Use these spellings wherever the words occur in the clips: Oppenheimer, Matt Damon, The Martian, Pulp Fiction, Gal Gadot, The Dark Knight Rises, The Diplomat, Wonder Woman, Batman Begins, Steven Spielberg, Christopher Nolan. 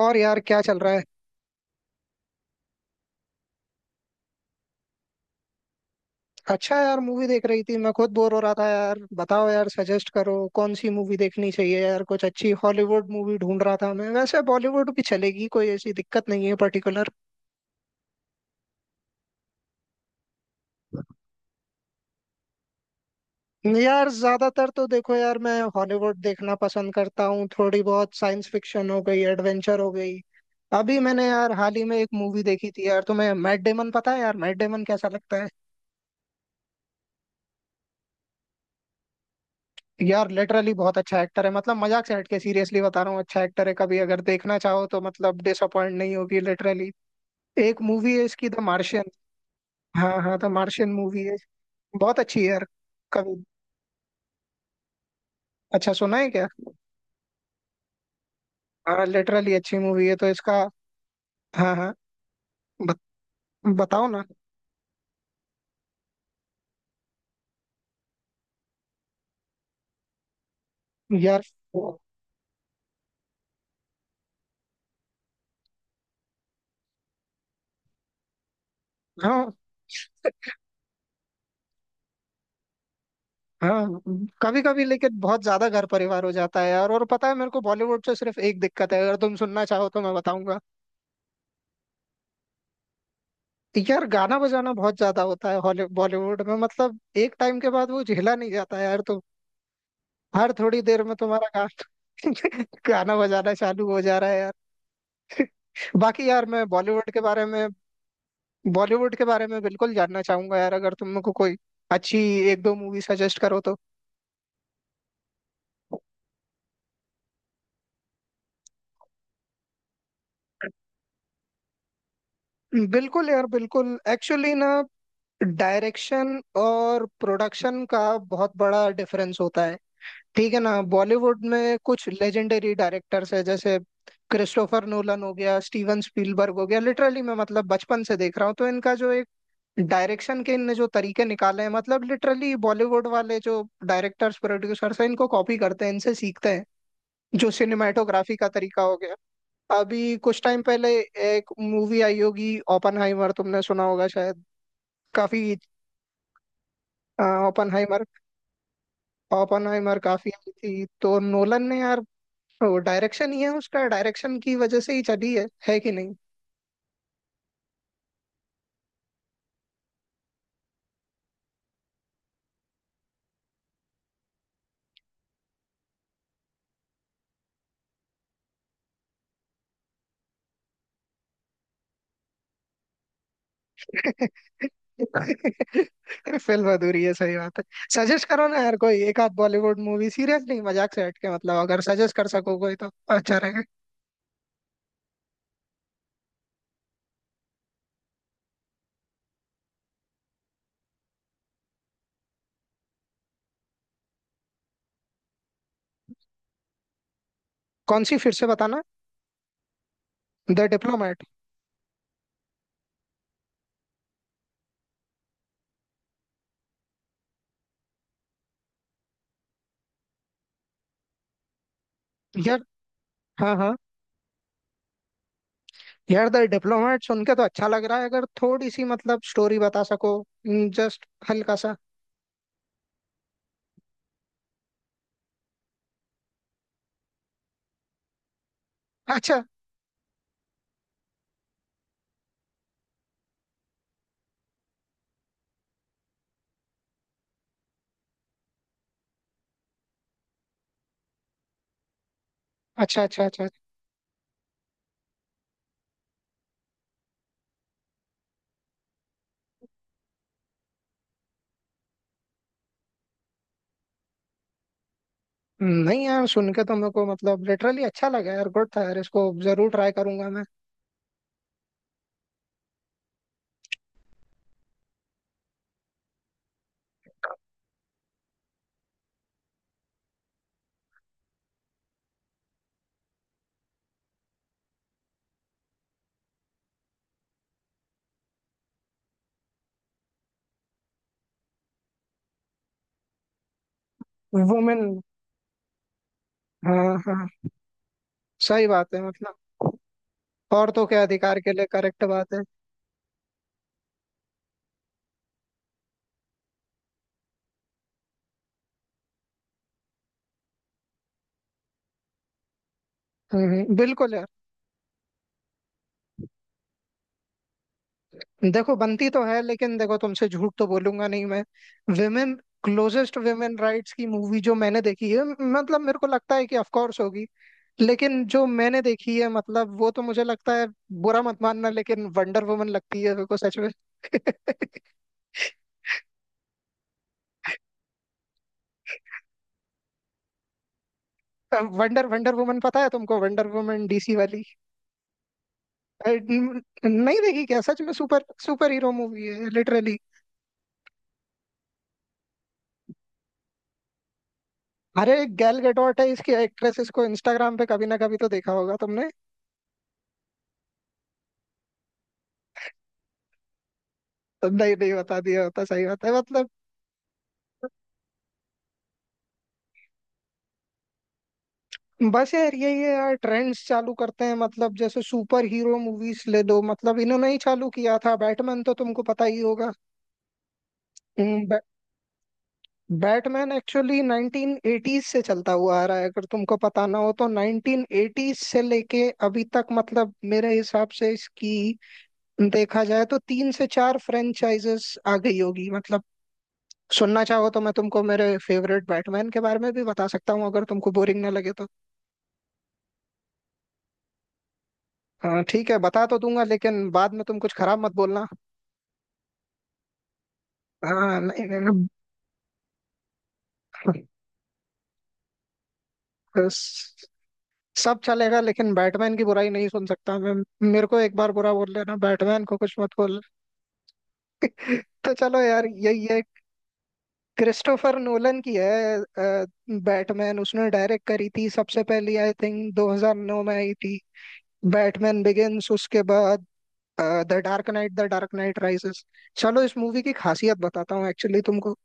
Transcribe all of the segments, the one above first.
और यार क्या चल रहा है। अच्छा यार मूवी देख रही थी। मैं खुद बोर हो रहा था यार। बताओ यार, सजेस्ट करो कौन सी मूवी देखनी चाहिए यार। कुछ अच्छी हॉलीवुड मूवी ढूंढ रहा था मैं। वैसे बॉलीवुड भी चलेगी, कोई ऐसी दिक्कत नहीं है पर्टिकुलर। यार ज्यादातर तो देखो यार मैं हॉलीवुड देखना पसंद करता हूँ। थोड़ी बहुत साइंस फिक्शन हो गई, एडवेंचर हो गई। अभी मैंने यार हाल ही में एक मूवी देखी थी यार। तुम्हें मैट डेमन पता है? यार मैट डेमन कैसा लगता है? यार लिटरली बहुत अच्छा एक्टर है। मतलब मजाक से हटके सीरियसली बता रहा हूँ, अच्छा एक्टर है। कभी अगर देखना चाहो तो मतलब डिसअपॉइंट नहीं होगी, लिटरली। एक मूवी है इसकी, द मार्शियन। हाँ हाँ, द मार्शियन मूवी है। बहुत अच्छी है यार। कभी। अच्छा, सुना है क्या? हाँ लिटरली अच्छी मूवी है, तो इसका। हाँ हाँ। बत, बताओ ना यार। हाँ हाँ। कभी कभी लेकिन बहुत ज्यादा घर परिवार हो जाता है यार। और पता है मेरे को बॉलीवुड से सिर्फ एक दिक्कत है, अगर तुम सुनना चाहो तो मैं बताऊंगा। यार गाना बजाना बहुत ज्यादा होता है बॉलीवुड में, मतलब एक टाइम के बाद वो झेला नहीं जाता है यार। तो हर थोड़ी देर में तुम्हारा गाना गाना बजाना चालू हो जा रहा है यार। बाकी यार मैं बॉलीवुड के बारे में, बॉलीवुड के बारे में बिल्कुल जानना चाहूंगा यार। अगर तुम मेरे को कोई अच्छी एक दो मूवी सजेस्ट करो तो। बिल्कुल यार बिल्कुल। एक्चुअली ना, डायरेक्शन और प्रोडक्शन का बहुत बड़ा डिफरेंस होता है, ठीक है ना। बॉलीवुड में कुछ लेजेंडरी डायरेक्टर्स है, जैसे क्रिस्टोफर नोलन हो गया, स्टीवन स्पीलबर्ग हो गया। लिटरली मैं मतलब बचपन से देख रहा हूँ। तो इनका जो एक डायरेक्शन के इनने जो तरीके निकाले हैं मतलब लिटरली बॉलीवुड वाले जो डायरेक्टर्स प्रोड्यूसर्स हैं इनको कॉपी करते हैं, इनसे सीखते हैं। जो सिनेमाटोग्राफी का तरीका हो गया। अभी कुछ टाइम पहले एक मूवी आई होगी, ओपनहाइमर, तुमने सुना होगा शायद। काफी। ओपनहाइमर, ओपनहाइमर काफी आई थी, तो नोलन ने यार तो डायरेक्शन ही है उसका, डायरेक्शन की वजह से ही चली है कि नहीं। फिल्म अधूरी है, सही बात है। सजेस्ट करो ना यार कोई एक आध बॉलीवुड मूवी। सीरियस नहीं मजाक से हट के मतलब अगर सजेस्ट कर सको कोई तो अच्छा रहेगा। कौन सी फिर से बताना? The diplomat. यार हाँ हाँ, यार द डिप्लोमेट सुन के तो अच्छा लग रहा है। अगर थोड़ी सी मतलब स्टोरी बता सको, जस्ट हल्का सा। अच्छा अच्छा अच्छा। अच्छा नहीं यार सुन के तो मेरे को मतलब लिटरली अच्छा लगा यार, गुड था यार। इसको जरूर ट्राई करूंगा मैं। वुमेन। हाँ हाँ, सही बात है मतलब, औरतों के अधिकार के लिए, करेक्ट बात है। बिल्कुल यार। देखो बनती तो है लेकिन देखो तुमसे झूठ तो बोलूंगा नहीं मैं। विमेन, क्लोजेस्ट विमेन राइट्स की मूवी जो मैंने देखी है, मतलब मेरे को लगता है कि ऑफ कोर्स होगी, लेकिन जो मैंने देखी है मतलब वो तो मुझे लगता है, बुरा मत मानना, लेकिन वंडर वुमन लगती है मेरे को सच में। वंडर, वंडर वुमन पता है तुमको? वंडर वुमन डीसी वाली। नहीं देखी क्या सच में? सुपर सुपर हीरो मूवी है लिटरली। अरे गैल गैडोट है इसकी एक्ट्रेस, इसको इंस्टाग्राम पे कभी ना कभी तो देखा होगा तुमने। तो नहीं, नहीं बता दिया होता, सही बात है मतलब। बस यार यही है यार, ट्रेंड्स चालू करते हैं मतलब। जैसे सुपर हीरो मूवीज ले लो, मतलब इन्होंने ही चालू किया था। बैटमैन तो तुमको पता ही होगा। हम्म, बै, बैटमैन एक्चुअली 1980s से चलता हुआ आ रहा है, अगर तुमको पता ना हो तो। 1980s से लेके अभी तक मतलब मेरे हिसाब से इसकी देखा जाए तो तीन से चार फ्रेंचाइजेस आ गई होगी। मतलब सुनना चाहो तो मैं तुमको मेरे फेवरेट बैटमैन के बारे में भी बता सकता हूँ, अगर तुमको बोरिंग ना लगे तो। हाँ ठीक है बता तो दूंगा, लेकिन बाद में तुम कुछ खराब मत बोलना। हाँ नहीं नहीं नहीं, बस सब चलेगा, लेकिन बैटमैन की बुराई नहीं सुन सकता मैं। मेरे को एक बार बुरा बोल लेना, बैटमैन को कुछ मत बोल। तो चलो यार, ये क्रिस्टोफर नोलन की है। बैटमैन उसने डायरेक्ट करी थी, सबसे पहली आई थिंक 2009 में आई थी, बैटमैन बिगिंस। उसके बाद the Dark Knight, the Dark Knight Rises. चलो इस मूवी की खासियत बताता हूँ एक्चुअली तुमको।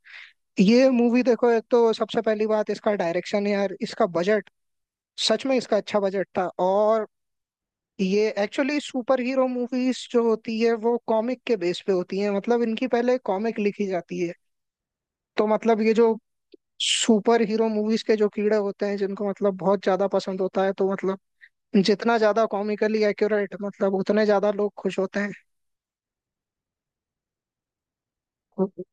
ये मूवी देखो, एक तो सबसे पहली बात इसका डायरेक्शन यार, इसका बजट, सच में इसका अच्छा बजट था। और ये एक्चुअली, सुपर हीरो मूवीज जो होती है वो कॉमिक के बेस पे होती है, मतलब इनकी पहले कॉमिक लिखी जाती है। तो मतलब ये जो सुपर हीरो मूवीज के जो कीड़े होते हैं जिनको मतलब बहुत ज्यादा पसंद होता है, तो मतलब जितना ज्यादा कॉमिकली एक्यूरेट मतलब उतने ज्यादा लोग खुश होते हैं।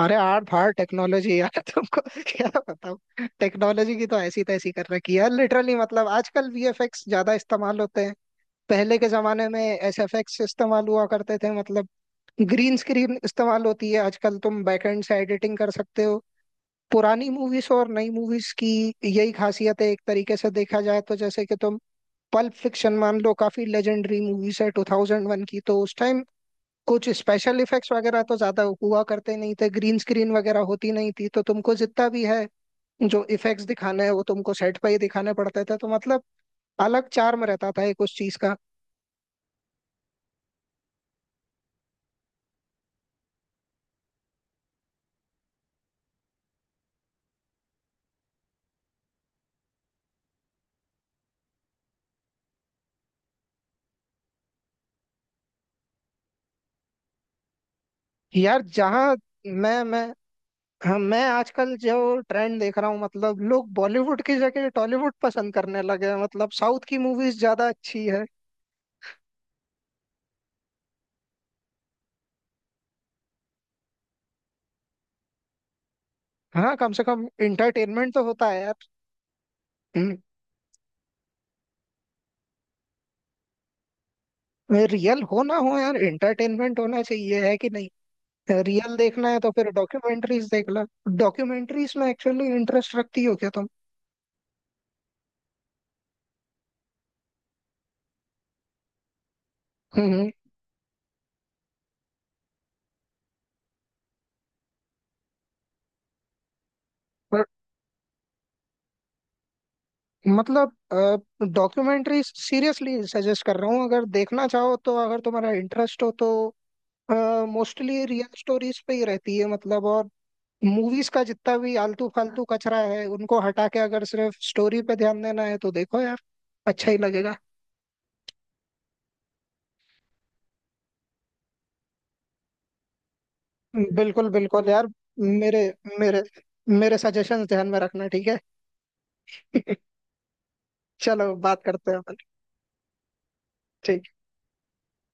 अरे आर्ट फाड़ टेक्नोलॉजी यार तुमको क्या बताऊं, टेक्नोलॉजी की तो ऐसी तैसी कर रखी है यार, लिटरली। मतलब आजकल वीएफएक्स ज्यादा इस्तेमाल होते हैं, पहले के जमाने में एसएफएक्स इस्तेमाल हुआ करते थे। मतलब ग्रीन स्क्रीन इस्तेमाल होती है आजकल, तुम बैकएंड से एडिटिंग कर सकते हो। पुरानी मूवीज और नई मूवीज की यही खासियत है एक तरीके से देखा जाए तो। जैसे कि तुम पल्प फिक्शन मान लो, काफी लेजेंडरी मूवीज है 2001 की। तो उस टाइम कुछ स्पेशल इफेक्ट्स वगैरह तो ज्यादा हुआ करते नहीं थे, ग्रीन स्क्रीन वगैरह होती नहीं थी। तो तुमको जितना भी है जो इफेक्ट्स दिखाने हैं वो तुमको सेट पे ही दिखाने पड़ते थे। तो मतलब अलग चार्म रहता था एक उस चीज का यार। जहाँ मैं, हाँ, मैं आजकल जो ट्रेंड देख रहा हूँ मतलब लोग बॉलीवुड की जगह टॉलीवुड पसंद करने लगे हैं, मतलब साउथ की मूवीज ज्यादा अच्छी है। हाँ कम से कम इंटरटेनमेंट तो होता है यार। रियल हो ना हो यार इंटरटेनमेंट होना चाहिए, है कि नहीं? रियल देखना है तो फिर डॉक्यूमेंट्रीज देख लो। डॉक्यूमेंट्रीज में एक्चुअली इंटरेस्ट रखती हो क्या तुम? हम्म। पर मतलब डॉक्यूमेंट्रीज सीरियसली सजेस्ट कर रहा हूँ, अगर देखना चाहो तो, अगर तुम्हारा इंटरेस्ट हो तो। मोस्टली रियल स्टोरीज पे ही रहती है मतलब, और मूवीज का जितना भी आलतू फालतू कचरा है उनको हटा के अगर सिर्फ स्टोरी पे ध्यान देना है तो देखो यार, अच्छा ही लगेगा। बिल्कुल बिल्कुल यार। मेरे मेरे मेरे सजेशंस ध्यान में रखना, ठीक है। चलो बात करते हैं। ठीक।